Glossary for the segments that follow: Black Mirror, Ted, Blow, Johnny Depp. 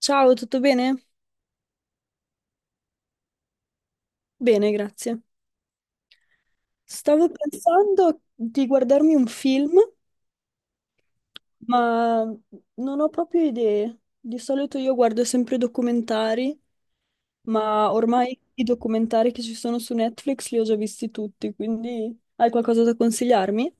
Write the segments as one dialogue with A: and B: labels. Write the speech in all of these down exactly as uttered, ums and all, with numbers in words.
A: Ciao, tutto bene? Bene, grazie. Stavo pensando di guardarmi un film, ma non ho proprio idee. Di solito io guardo sempre documentari, ma ormai i documentari che ci sono su Netflix li ho già visti tutti, quindi hai qualcosa da consigliarmi?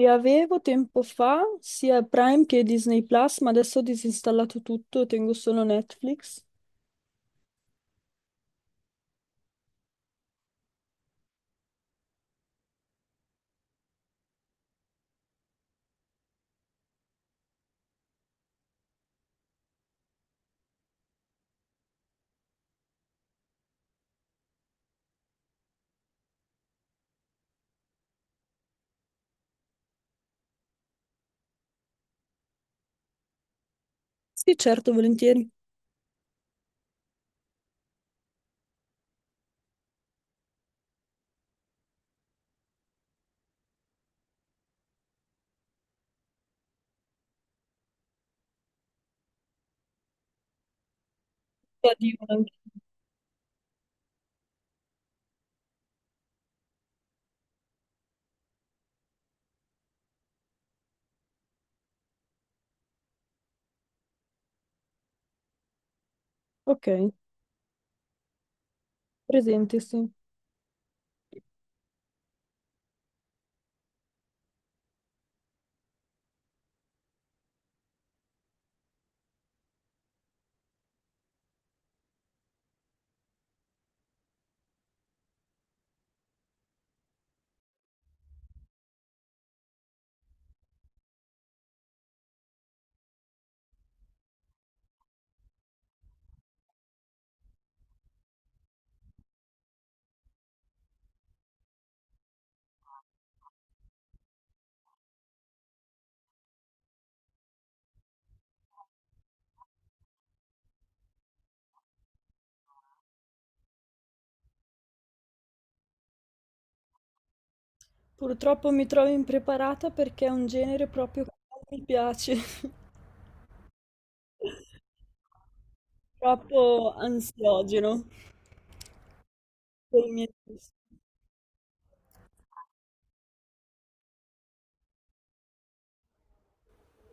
A: Li avevo tempo fa, sia Prime che Disney Plus, ma adesso ho disinstallato tutto, tengo solo Netflix. Sì, certo, volentieri. Ti addio anche. Ok, presente, sì. Purtroppo mi trovo impreparata perché è un genere proprio che non mi piace, troppo ansiogeno per i miei gusti.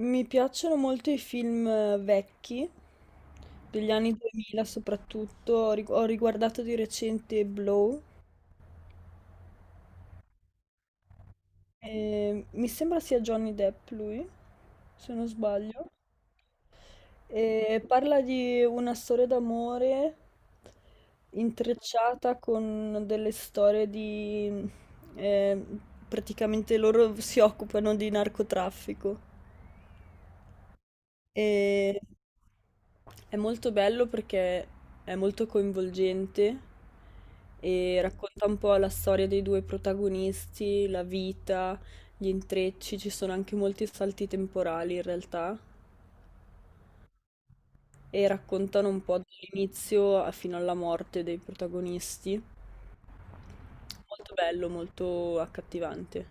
A: Mi piacciono molto i film eh, vecchi, degli anni duemila soprattutto, ho rigu- ho riguardato di recente Blow, e mi sembra sia Johnny Depp lui, se non sbaglio. E parla di una storia d'amore intrecciata con delle storie di... eh, praticamente loro si occupano di narcotraffico e è molto bello perché è molto coinvolgente e racconta un po' la storia dei due protagonisti, la vita, gli intrecci, ci sono anche molti salti temporali in realtà, e raccontano un po' dall'inizio a- fino alla morte dei protagonisti. Molto bello, molto accattivante.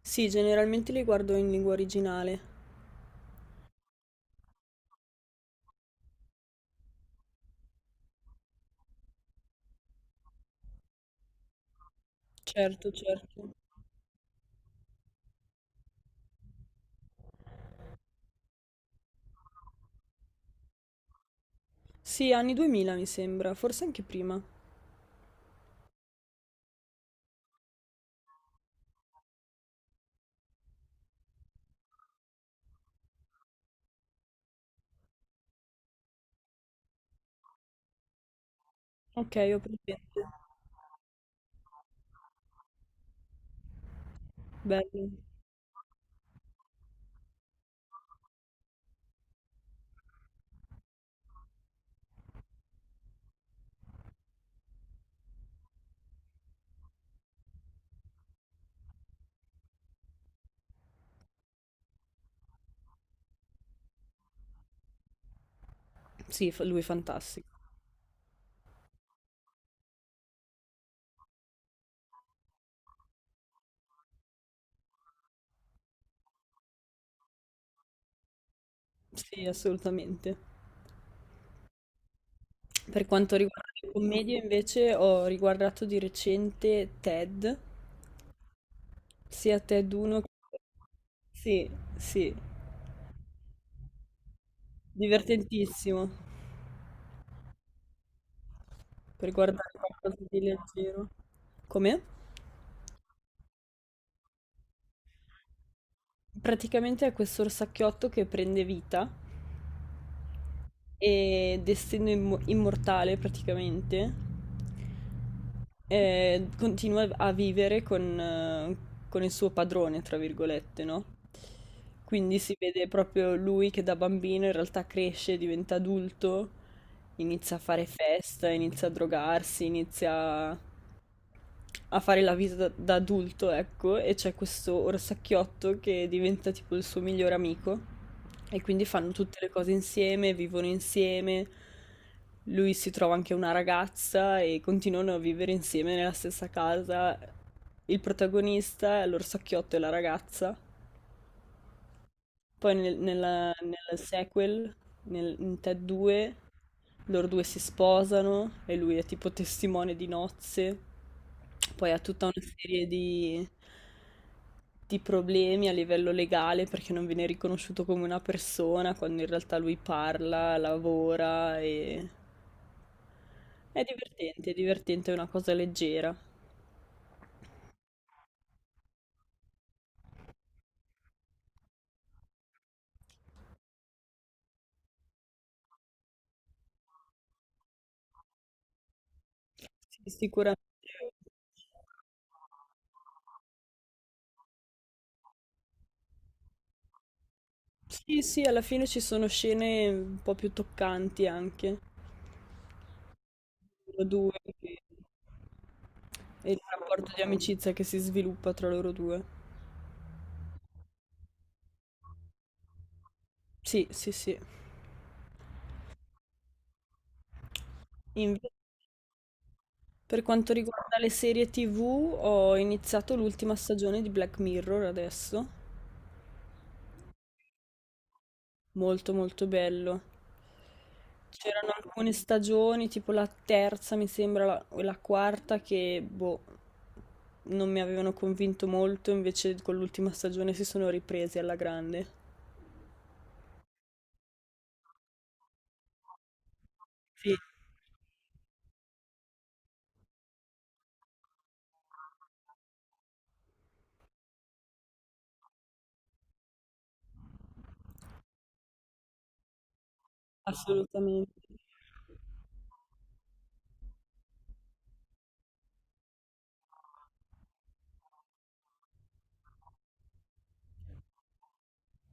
A: Sì, generalmente li guardo in lingua originale. Certo, certo. Sì, anni duemila mi sembra, forse anche prima. Ok, ho presente. Bello. Sì, fa- lui è fantastico. Sì, assolutamente. Per quanto riguarda le commedie, invece, ho riguardato di recente Ted, sia Ted uno che... Sì, sì, divertentissimo, per guardare qualcosa di leggero. Come? Praticamente è questo orsacchiotto che prende vita e destino immo- immortale praticamente, eh, continua a vivere con, eh, con il suo padrone, tra virgolette, no? Quindi si vede proprio lui che da bambino in realtà cresce, diventa adulto, inizia a fare festa, inizia a drogarsi, inizia a fare la visita da da adulto, ecco, e c'è questo orsacchiotto che diventa tipo il suo migliore amico e quindi fanno tutte le cose insieme, vivono insieme. Lui si trova anche una ragazza e continuano a vivere insieme nella stessa casa. Il protagonista, l'orsacchiotto e la ragazza poi nel, nella- nel sequel, nel, in Ted due, loro due si sposano e lui è tipo testimone di nozze. Poi ha tutta una serie di, di problemi a livello legale perché non viene riconosciuto come una persona quando in realtà lui parla, lavora e... È divertente, è divertente, è una cosa leggera. Sì, sicuramente. Sì, sì, alla fine ci sono scene un po' più toccanti anche. Loro due che- e il rapporto di amicizia che si sviluppa tra loro due. Sì, sì, sì. Invece, per quanto riguarda le serie tivù, ho iniziato l'ultima stagione di Black Mirror adesso. Molto, molto bello. C'erano alcune stagioni, tipo la terza, mi sembra, la- o la quarta, che boh, non mi avevano convinto molto, invece con l'ultima stagione si sono ripresi alla grande. Sì, assolutamente.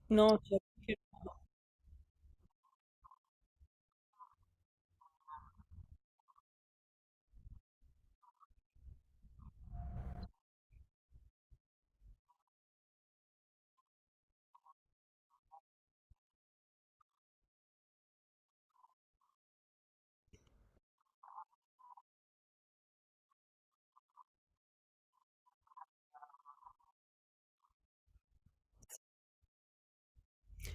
A: No, certo che no.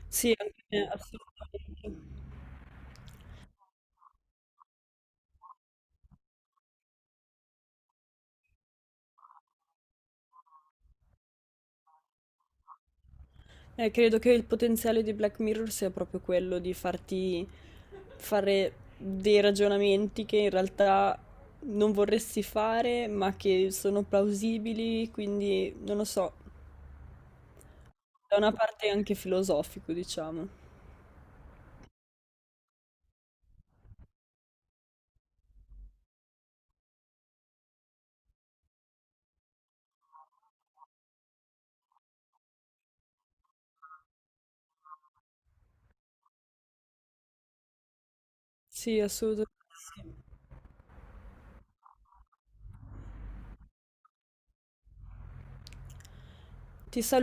A: Sì, anche me, assolutamente. Eh, credo che il potenziale di Black Mirror sia proprio quello di farti fare dei ragionamenti che in realtà non vorresti fare, ma che sono plausibili, quindi non lo so, da una parte è anche filosofico, diciamo. Sì, assolutamente sì. Ti saluto.